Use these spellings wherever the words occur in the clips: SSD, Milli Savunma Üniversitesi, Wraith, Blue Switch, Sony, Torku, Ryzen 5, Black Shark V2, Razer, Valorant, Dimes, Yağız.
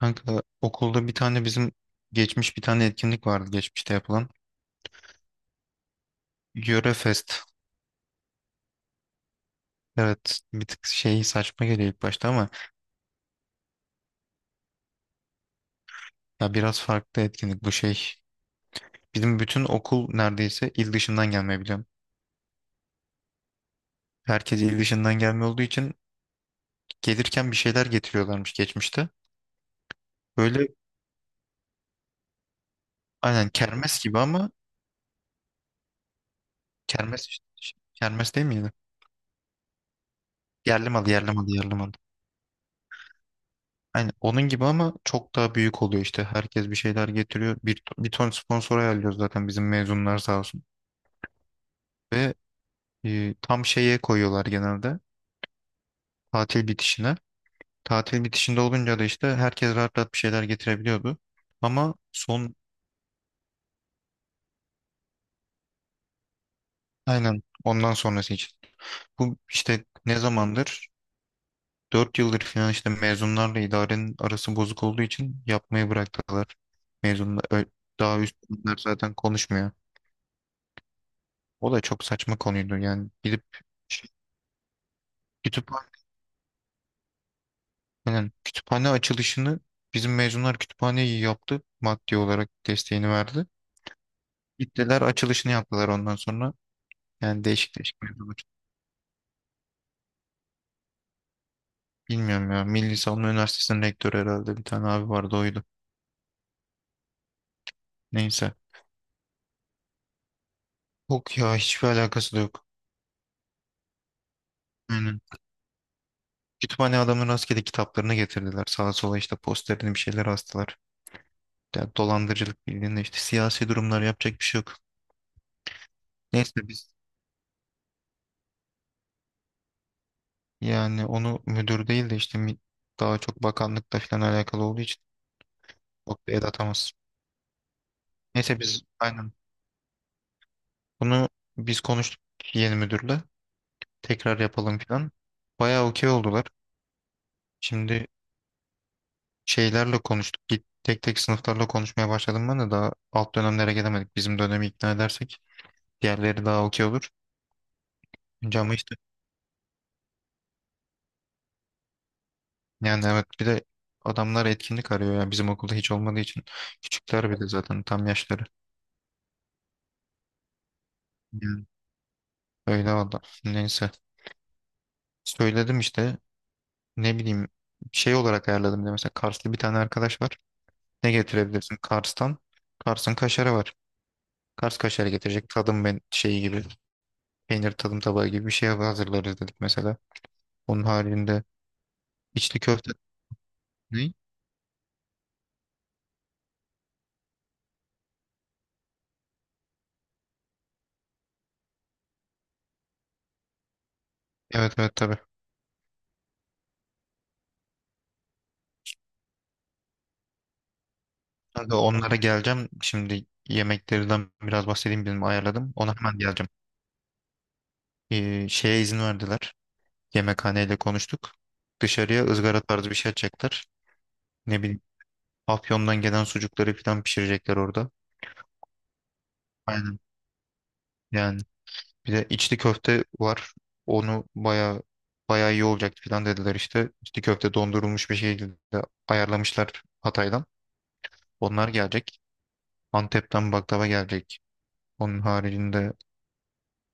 Kanka okulda bir tane bizim geçmiş bir tane etkinlik vardı geçmişte yapılan. Yöre Fest. Evet, bir tık şey saçma geliyor ilk başta ama ya biraz farklı etkinlik bu şey. Bizim bütün okul neredeyse il dışından gelmeyi biliyorum. Herkes il dışından gelme olduğu için gelirken bir şeyler getiriyorlarmış geçmişte. Böyle aynen kermes gibi ama kermes işte. Kermes değil miydi? Yerli malı, yerli malı, yerli malı. Hani onun gibi ama çok daha büyük oluyor işte. Herkes bir şeyler getiriyor. Bir ton sponsor ayarlıyoruz zaten, bizim mezunlar sağ olsun. Ve tam şeye koyuyorlar genelde. Tatil bitişine. Tatil bitişinde olunca da işte herkes rahat rahat bir şeyler getirebiliyordu. Ama son aynen ondan sonrası için. Bu işte ne zamandır? Dört yıldır falan işte mezunlarla idarenin arası bozuk olduğu için yapmayı bıraktılar. Mezunlar daha üstler zaten konuşmuyor. O da çok saçma konuydu. Yani gidip kütüphane, kütüphane açılışını bizim mezunlar kütüphaneyi yaptı. Maddi olarak desteğini verdi. Gittiler açılışını yaptılar ondan sonra. Yani değişik değişik mevzular. Bilmiyorum ya. Milli Savunma Üniversitesi'nin rektörü herhalde, bir tane abi vardı, oydu. Neyse. Yok ya, hiçbir alakası da yok. Aynen. Kütüphane adamın rastgele kitaplarını getirdiler. Sağa sola işte posterini bir şeyler astılar. Yani dolandırıcılık bildiğinde işte siyasi durumlar, yapacak bir şey yok. Neyse biz, yani onu müdür değil de işte daha çok bakanlıkla falan alakalı olduğu için çok da el atamaz. Neyse biz aynen bunu biz konuştuk yeni müdürle. Tekrar yapalım falan. Bayağı okey oldular. Şimdi şeylerle konuştuk. Git tek tek sınıflarla konuşmaya başladım, ben de daha alt dönemlere gelemedik. Bizim dönemi ikna edersek diğerleri daha okey olur. Önce ama işte, yani evet, bir de adamlar etkinlik arıyor ya bizim okulda hiç olmadığı için. Küçükler bile zaten tam yaşları. Yani öyle valla. Neyse. Söyledim işte, ne bileyim, şey olarak ayarladım. Bir de mesela Karslı bir tane arkadaş var. Ne getirebilirsin Kars'tan? Kars'ın kaşarı var. Kars kaşarı getirecek, tadım ben şeyi gibi peynir tadım tabağı gibi bir şey hazırlarız dedik mesela. Onun haricinde içli köfte ne? Evet evet, tabii. Kanka onlara geleceğim. Şimdi yemeklerden biraz bahsedeyim, benim ayarladım. Ona hemen geleceğim. Şeye izin verdiler. Yemekhaneyle konuştuk. Dışarıya ızgara tarzı bir şey açacaklar. Ne bileyim, Afyon'dan gelen sucukları falan pişirecekler orada. Aynen. Yani bir de içli köfte var. Onu baya baya iyi olacak falan dediler işte. İçli köfte dondurulmuş bir şekilde ayarlamışlar Hatay'dan. Onlar gelecek. Antep'ten baklava gelecek. Onun haricinde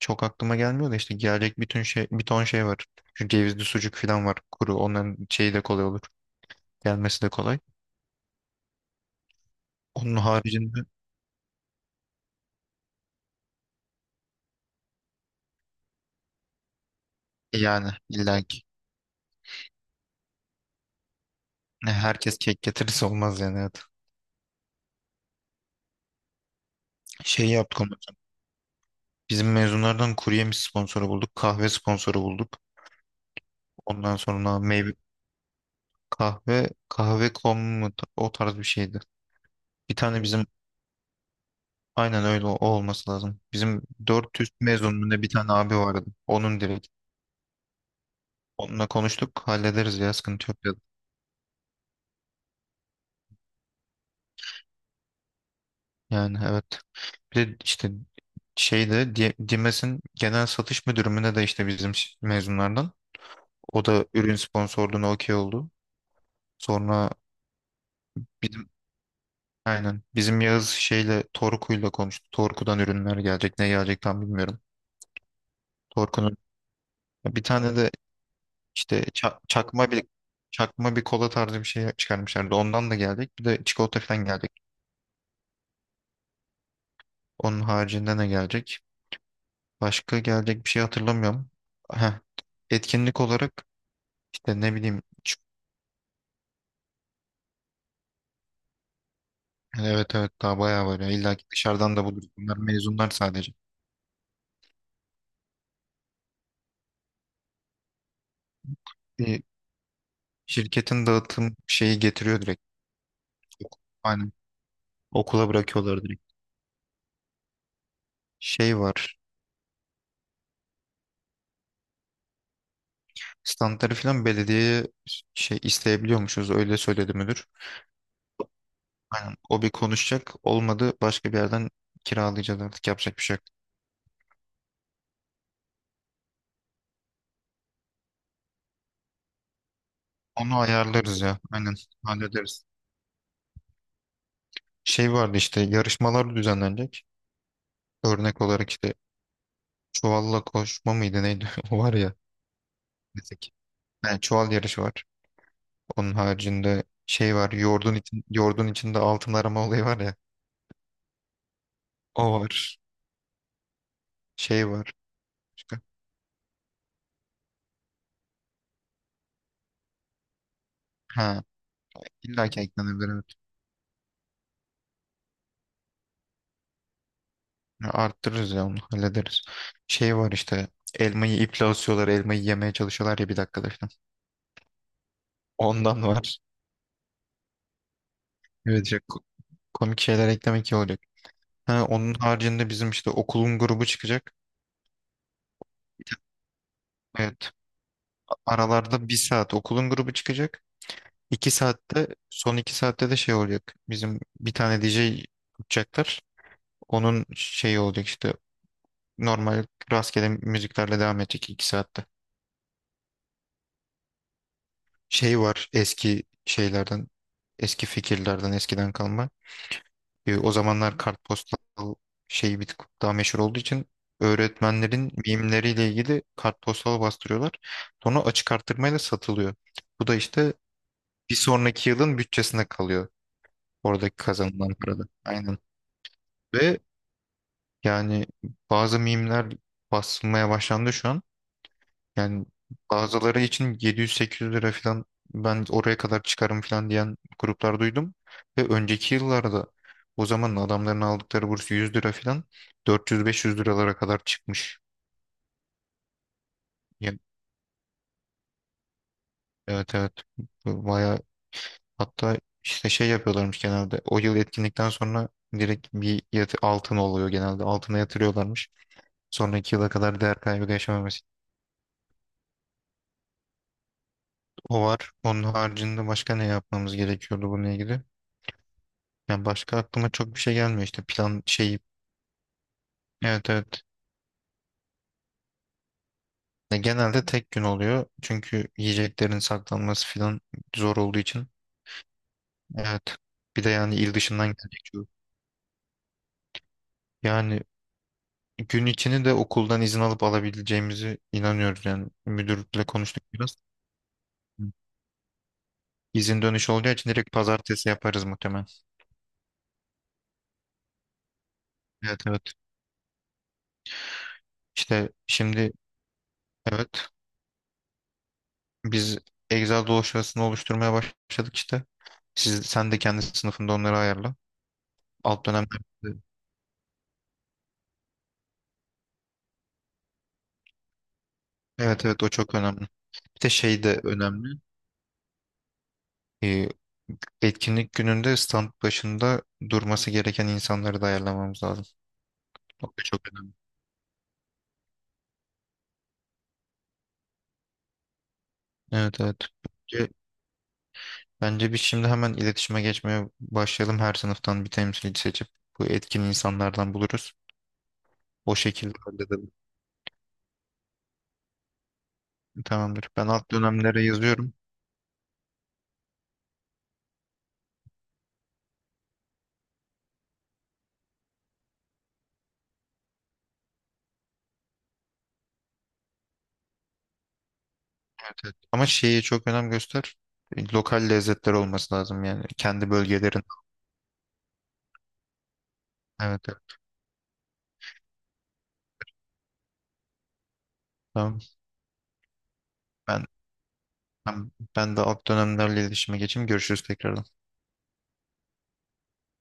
çok aklıma gelmiyor da işte gelecek bütün şey, bir ton şey var. Çünkü cevizli sucuk falan var kuru. Onların şeyi de kolay olur. Gelmesi de kolay. Onun haricinde yani illa ki, ne herkes kek getirirse olmaz yani, evet. Şey yaptık onu. Bizim mezunlardan kurye mi sponsoru bulduk, kahve sponsoru bulduk. Ondan sonra meyve kahve, kahve.com mu, o tarz bir şeydi. Bir tane bizim aynen öyle o olması lazım. Bizim 400 mezunluğunda bir tane abi vardı. Onun direkt. Onunla konuştuk, hallederiz ya sıkıntı yok dedi. Yani evet. Bir de işte şeyde, Dimes'in genel satış müdürü mü ne de işte bizim mezunlardan. O da ürün sponsorluğuna okey oldu. Sonra bizim aynen. Bizim Yağız şeyle Torku'yla konuştu. Torku'dan ürünler gelecek. Ne gelecek tam bilmiyorum. Torku'nun bir tane de işte çakma bir kola tarzı bir şey çıkarmışlardı. Ondan da gelecek. Bir de çikolata falan gelecek. Onun haricinde ne gelecek? Başka gelecek bir şey hatırlamıyorum. Heh. Etkinlik olarak işte ne bileyim evet evet, daha bayağı var ya. İlla ki dışarıdan da buluruz. Bunlar mezunlar sadece. Bir şirketin dağıtım şeyi getiriyor direkt. Aynen. Okula bırakıyorlar direkt. Şey var. Standları falan belediyeye şey isteyebiliyormuşuz, öyle söyledi müdür. Aynen. O bir konuşacak, olmadı başka bir yerden kiralayacağız artık, yapacak bir şey yok. Onu ayarlarız ya, aynen hallederiz. Şey vardı işte, yarışmalar düzenlenecek. Örnek olarak işte çuvalla koşma mıydı neydi o var ya. Meslek. Yani çuval yarışı var. Onun haricinde şey var, yoğurdun içinde altın arama olayı var ya. O var. Şey var. Başka. Ha, illa ki eklenebilir, evet. Ya, arttırırız ya, onu hallederiz. Şey var işte, elmayı iple asıyorlar, elmayı yemeye çalışıyorlar ya bir dakikada falan. Ondan var. Evet ya, komik şeyler eklemek iyi olacak. Ha, onun haricinde bizim işte okulun grubu çıkacak. Evet, aralarda bir saat okulun grubu çıkacak. İki saatte, son iki saatte de şey olacak. Bizim bir tane DJ tutacaklar. Onun şeyi olacak işte normal rastgele müziklerle devam edecek iki saatte. Şey var eski şeylerden, eski fikirlerden, eskiden kalma. O zamanlar kartpostal şeyi bir tık daha meşhur olduğu için öğretmenlerin mimleriyle ilgili kartpostal bastırıyorlar. Sonra açık arttırmayla satılıyor. Bu da işte bir sonraki yılın bütçesine kalıyor, oradaki kazanılan parada. Aynen. Ve yani bazı mimler basılmaya başlandı şu an. Yani bazıları için 700-800 lira falan, ben oraya kadar çıkarım falan diyen gruplar duydum. Ve önceki yıllarda o zaman adamların aldıkları burs 100 lira falan, 400-500 liralara kadar çıkmış. Yani, evet evet, baya, hatta işte şey yapıyorlarmış genelde o yıl etkinlikten sonra direkt bir yatı, altın oluyor genelde, altına yatırıyorlarmış. Sonraki yıla kadar değer kaybı yaşamaması. O var. Onun haricinde başka ne yapmamız gerekiyordu bununla ilgili? Yani başka aklıma çok bir şey gelmiyor işte, plan şeyi. Evet evet. Ya genelde tek gün oluyor. Çünkü yiyeceklerin saklanması falan zor olduğu için. Evet. Bir de yani il dışından gelecek çoğu. Yani gün içini de okuldan izin alıp alabileceğimizi inanıyoruz yani. Müdürle konuştuk biraz. Hı. İzin dönüşü olacağı için direkt pazartesi yaparız muhtemelen. Evet evet. İşte şimdi evet, biz Excel dosyasını oluşturmaya başladık işte. Siz, sen de kendi sınıfında onları ayarla. Alt dönemde. Evet evet, o çok önemli. Bir de şey de önemli. Ee, etkinlik gününde stand başında durması gereken insanları da ayarlamamız lazım. O da çok önemli. Evet evet. Bence, bence biz şimdi hemen iletişime geçmeye başlayalım. Her sınıftan bir temsilci seçip bu etkin insanlardan buluruz. O şekilde halledelim. Tamamdır. Ben alt dönemlere yazıyorum. Evet, evet. Ama şeyi çok önem göster. Lokal lezzetler olması lazım yani. Kendi bölgelerin. Evet, evet. Tamam. Ben ben de alt dönemlerle iletişime geçeyim. Görüşürüz tekrar.